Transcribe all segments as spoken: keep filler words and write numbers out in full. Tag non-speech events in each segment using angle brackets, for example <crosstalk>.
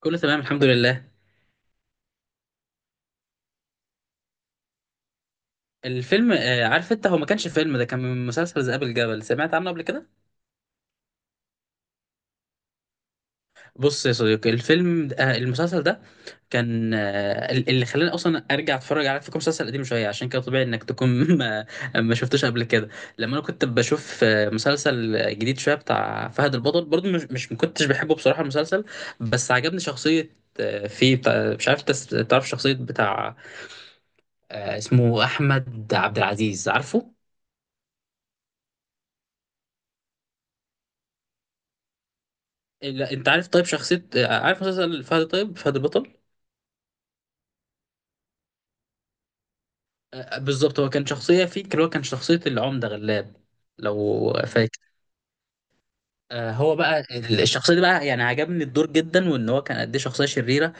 كله تمام الحمد لله. الفيلم آه، عارف انت، هو ما كانش فيلم، ده كان من مسلسل ذئاب الجبل. سمعت عنه قبل كده؟ بص يا صديقي، الفيلم ده- آه، المسلسل ده كان آه، ال- اللي خلاني اصلا ارجع اتفرج على فكره، مسلسل قديم شويه عشان كده طبيعي انك تكون <laughs> ما, ما شفتوش قبل كده. لما انا كنت بشوف آه، مسلسل جديد شويه بتاع فهد البطل، برضو مش مش ما كنتش بحبه بصراحه المسلسل، بس عجبني شخصيه آه، فيه، بتاع مش عارف تس- تعرف شخصيه بتاع آه، اسمه احمد عبد العزيز؟ عارفه لا، انت عارف طيب شخصية، عارف مسلسل فهد، طيب فهد البطل آه، بالظبط، هو كان شخصية فيه اللي هو كان شخصية العمدة غلاب، لو فاكر. آه، هو بقى الشخصية دي بقى يعني عجبني الدور جدا، وان هو كان قد ايه شخصية شريرة.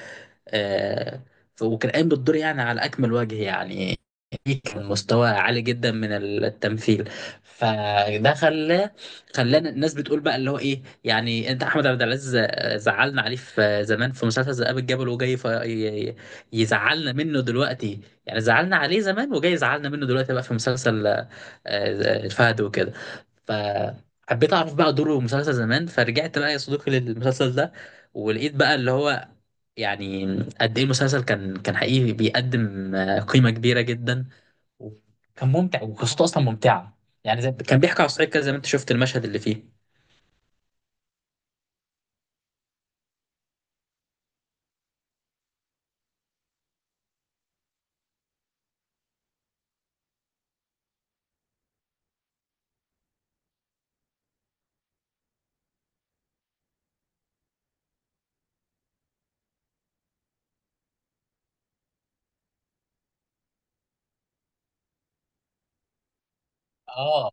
آه، ف- وكان قايم بالدور يعني على أكمل وجه يعني. إيه، كان مستوى عالي جدا من التمثيل. فده خلاه، خلانا الناس بتقول بقى اللي هو ايه يعني، انت احمد عبد العزيز آه، زعلنا عليه في زمان في مسلسل ذئاب الجبل، وجاي ف- ي- ي- يزعلنا منه دلوقتي، يعني زعلنا عليه زمان وجاي يزعلنا منه دلوقتي بقى في مسلسل آه، آه، الفهد وكده. فحبيت اعرف بقى دوره في مسلسل زمان، فرجعت بقى يا صديقي للمسلسل ده، ولقيت بقى اللي هو يعني قد ايه المسلسل كان كان حقيقي بيقدم آه، قيمه كبيره جدا، وكان ممتع وقصته اصلا ممتعه، يعني زي كان بيحكي على الصعيد كده زي ما انت شفت المشهد اللي فيه. اه،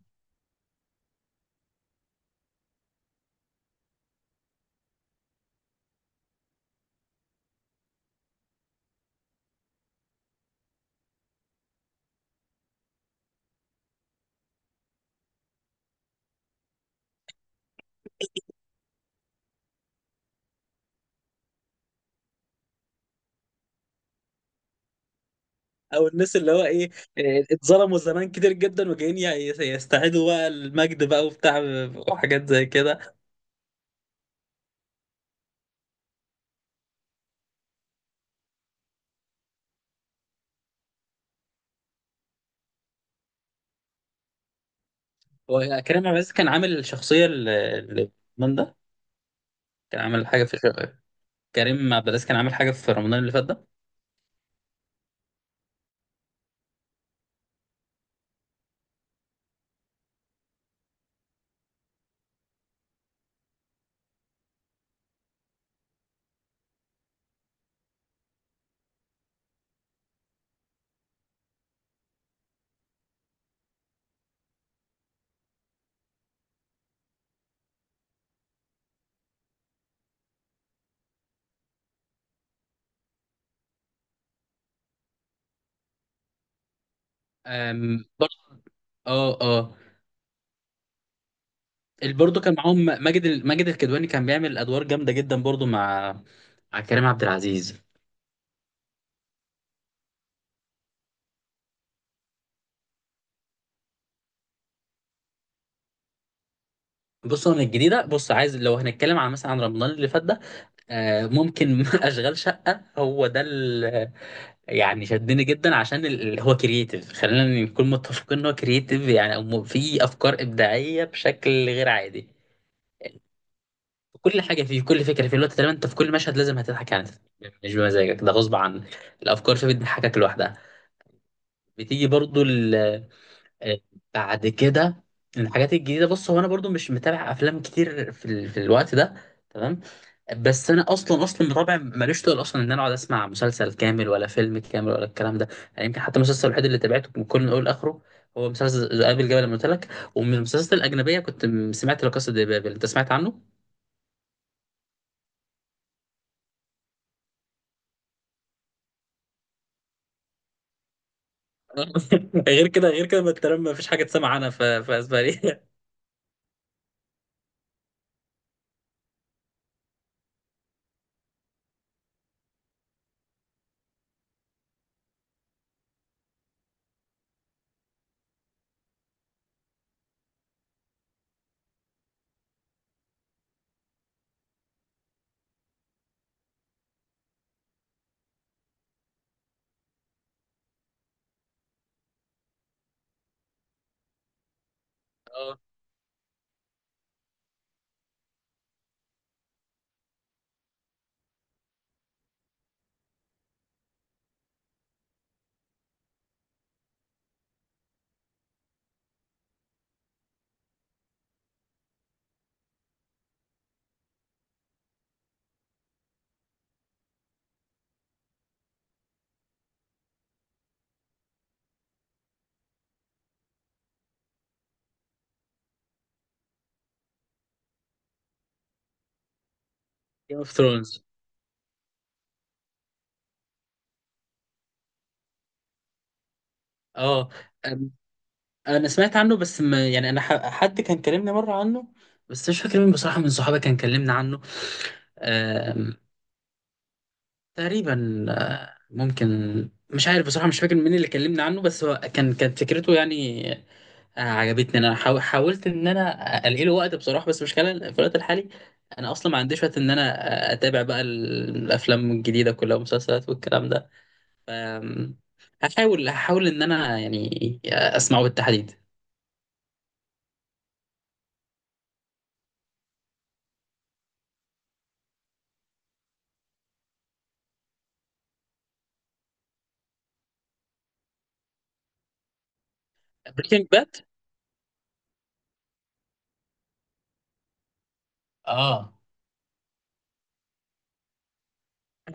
او الناس اللي هو ايه، إيه، اتظلموا زمان كتير جدا، وجايين ي- يستعيدوا بقى المجد بقى وبتاع وحاجات زي كده. وكريم عبد العزيز كان عامل الشخصيه اللي اللي من ده، كان عامل حاجه في، كريم عبد العزيز كان عامل حاجه في رمضان اللي فات ده. أم، برضه، اه اه، برضه كان معاهم ماجد ماجد الكدواني، كان بيعمل ادوار جامده جدا برضه مع، مع كريم عبد العزيز. بص هو من الجديده، بص عايز لو هنتكلم عن مثلا عن رمضان اللي فات ده، آه، ممكن <laughs> اشغال شقه، هو ده ال- يعني شدني جدا عشان ال- ال- هو كرييتيف، خلينا نكون متفقين ان هو كرييتيف يعني. أم- في افكار ابداعيه بشكل غير عادي، كل حاجه فيه، كل فكره فيه الوقت تقريبا، انت في كل مشهد لازم هتضحك يعني، مش بمزاجك، ده غصب عنك. الافكار فيه بتضحكك لوحدها. بتيجي برضو آه، بعد كده من الحاجات الجديده. بص هو انا برضو مش متابع افلام كتير في, ال... في الوقت ده، تمام. بس انا اصلا اصلا رابع ماليش طول اصلا ان انا اقعد اسمع مسلسل كامل ولا فيلم كامل ولا الكلام ده يعني. يمكن حتى المسلسل الوحيد اللي تابعته من كل من اول لاخره هو مسلسل ذئاب الجبل اللي قلت لك. ومن المسلسلات الاجنبيه كنت م- سمعت لا كاسا دي بابل، انت سمعت عنه؟ <laughs> غير كده، غير كده ما انت ما فيش حاجه تسمع عنها في في اسبانيا. <laughs> اه، جيم اوف ثرونز. اه انا سمعت عنه، بس ما يعني انا ح- حد كان كلمني مره عنه، بس مش فاكر مين بصراحه من صحابي كان كلمني عنه. آم، تقريبا آه، ممكن، مش عارف بصراحه مش فاكر مين اللي كلمني عنه، بس هو كان كانت فكرته يعني آه، عجبتني. انا حاو- حاولت ان انا الاقي له وقت بصراحه، بس مش في الوقت الحالي. انا اصلا ما عنديش وقت ان انا آه، اتابع بقى ال- الافلام الجديده كلها والمسلسلات والكلام ده. آم، هحاول هحاول ان انا يعني آه، اسمعه بالتحديد. بريكنج باد. اه،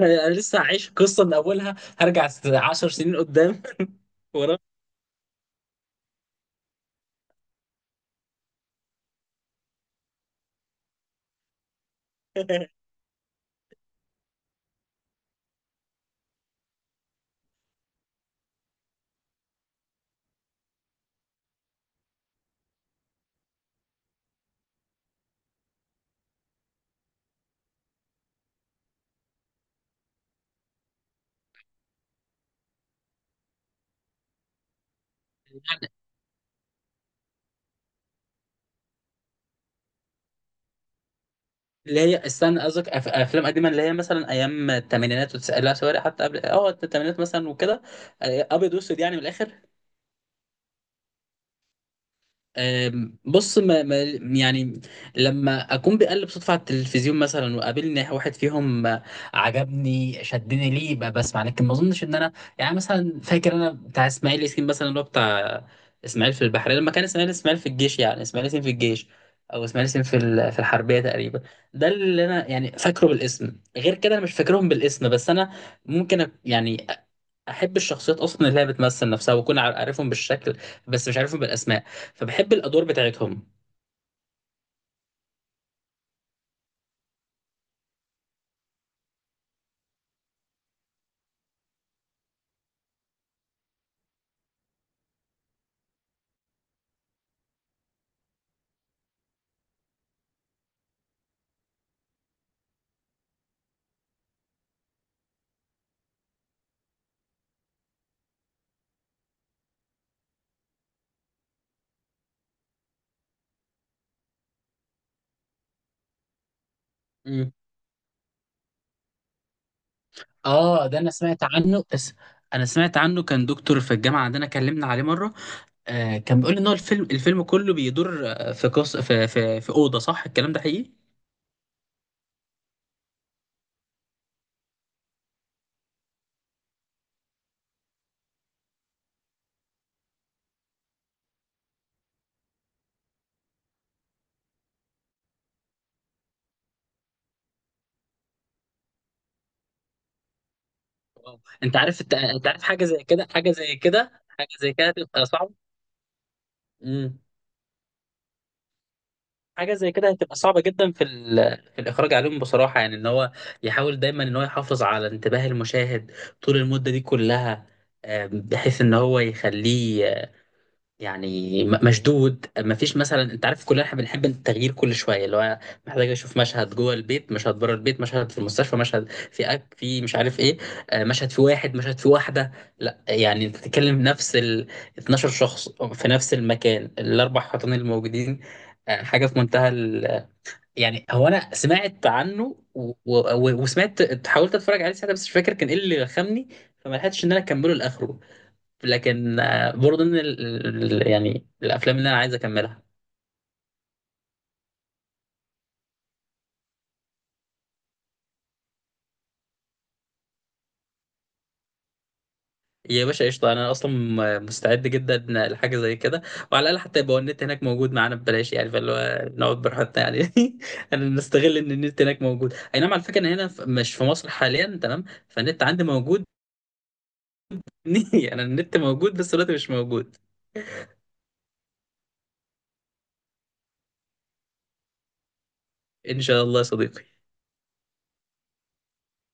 انا أنا لسه هعيش قصه من اولها، هرجع عشر سنين قدام <laughs> ورا يعني. اللي هي استنى قصدك أف- افلام قديمه اللي هي مثلا ايام الثمانينات وتسألها سوري، حتى قبل اه الثمانينات مثلا وكده، آه، ابيض واسود يعني من الاخر. أم، بص ما ما يعني لما اكون بقلب صدفه على التلفزيون مثلا وقابلني واحد فيهم، آه، عجبني شدني ليه، ب- بسمع، لكن ما اظنش ان انا يعني. مثلا فاكر انا بتاع اسماعيل ياسين مثلا، اللي هو بتاع اسماعيل في البحريه، لما كان اسماعيل اسماعيل في الجيش يعني اسماعيل ياسين في الجيش، او اسماعيل ياسين في ال- في الحربيه تقريبا. ده اللي انا يعني فاكره بالاسم، غير كده انا مش فاكرهم بالاسم، بس انا ممكن أ- يعني احب الشخصيات اصلا اللي هي بتمثل نفسها، واكون عارفهم بالشكل بس مش عارفهم بالاسماء، فبحب الادوار بتاعتهم. مم. اه، ده انا سمعت عنه، بس انا سمعت عنه كان دكتور في الجامعه عندنا كلمنا عليه مره. آه، كان بيقول ان هو الفيلم الفيلم كله بيدور آه، في قص في في, في اوضه، صح الكلام ده حقيقي؟ واو. انت عارف، انت أنت عارف حاجه زي كده حاجه زي كده حاجه زي كده هتبقى صعبه. امم. حاجه زي كده هتبقى صعبه جدا في ال- في الاخراج عليهم بصراحه، يعني ان هو يحاول دايما ان هو يحافظ على انتباه المشاهد طول المده دي كلها، آه، بحيث ان هو يخليه يعني م- مشدود. ما فيش مثلا، انت عارف كلنا احنا بنحب التغيير كل شويه، اللي هو محتاج اشوف مشهد جوه البيت، مشهد بره البيت، مشهد في المستشفى، مشهد في أك في مش عارف ايه، آه، مشهد في واحد مشهد في واحده. لا يعني انت بتتكلم نفس ال اثنا عشر شخص في نفس المكان الاربع حيطان الموجودين، آه، حاجه في منتهى ال... يعني هو انا سمعت عنه و... و... وسمعت، حاولت اتفرج عليه ساعتها، بس مش فاكر كان ايه اللي خمني، فما لحقتش ان انا اكمله لاخره. لكن آه، برضه ان ال... ال- يعني الافلام اللي انا عايز اكملها. يا باشا قشطه، انا اصلا م- مستعد جدا لحاجه زي كده، وعلى الاقل حتى يبقى النت هناك موجود معانا ببلاش يعني، فاللي هو نقعد براحتنا يعني <laughs> انا نستغل ان النت هناك موجود، اي نعم، على فكره انا هنا في- مش في مصر حاليا تمام، فالنت عندي موجود. <laughs> انا النت موجود بس الوقت مش موجود. ان شاء الله يا صديقي.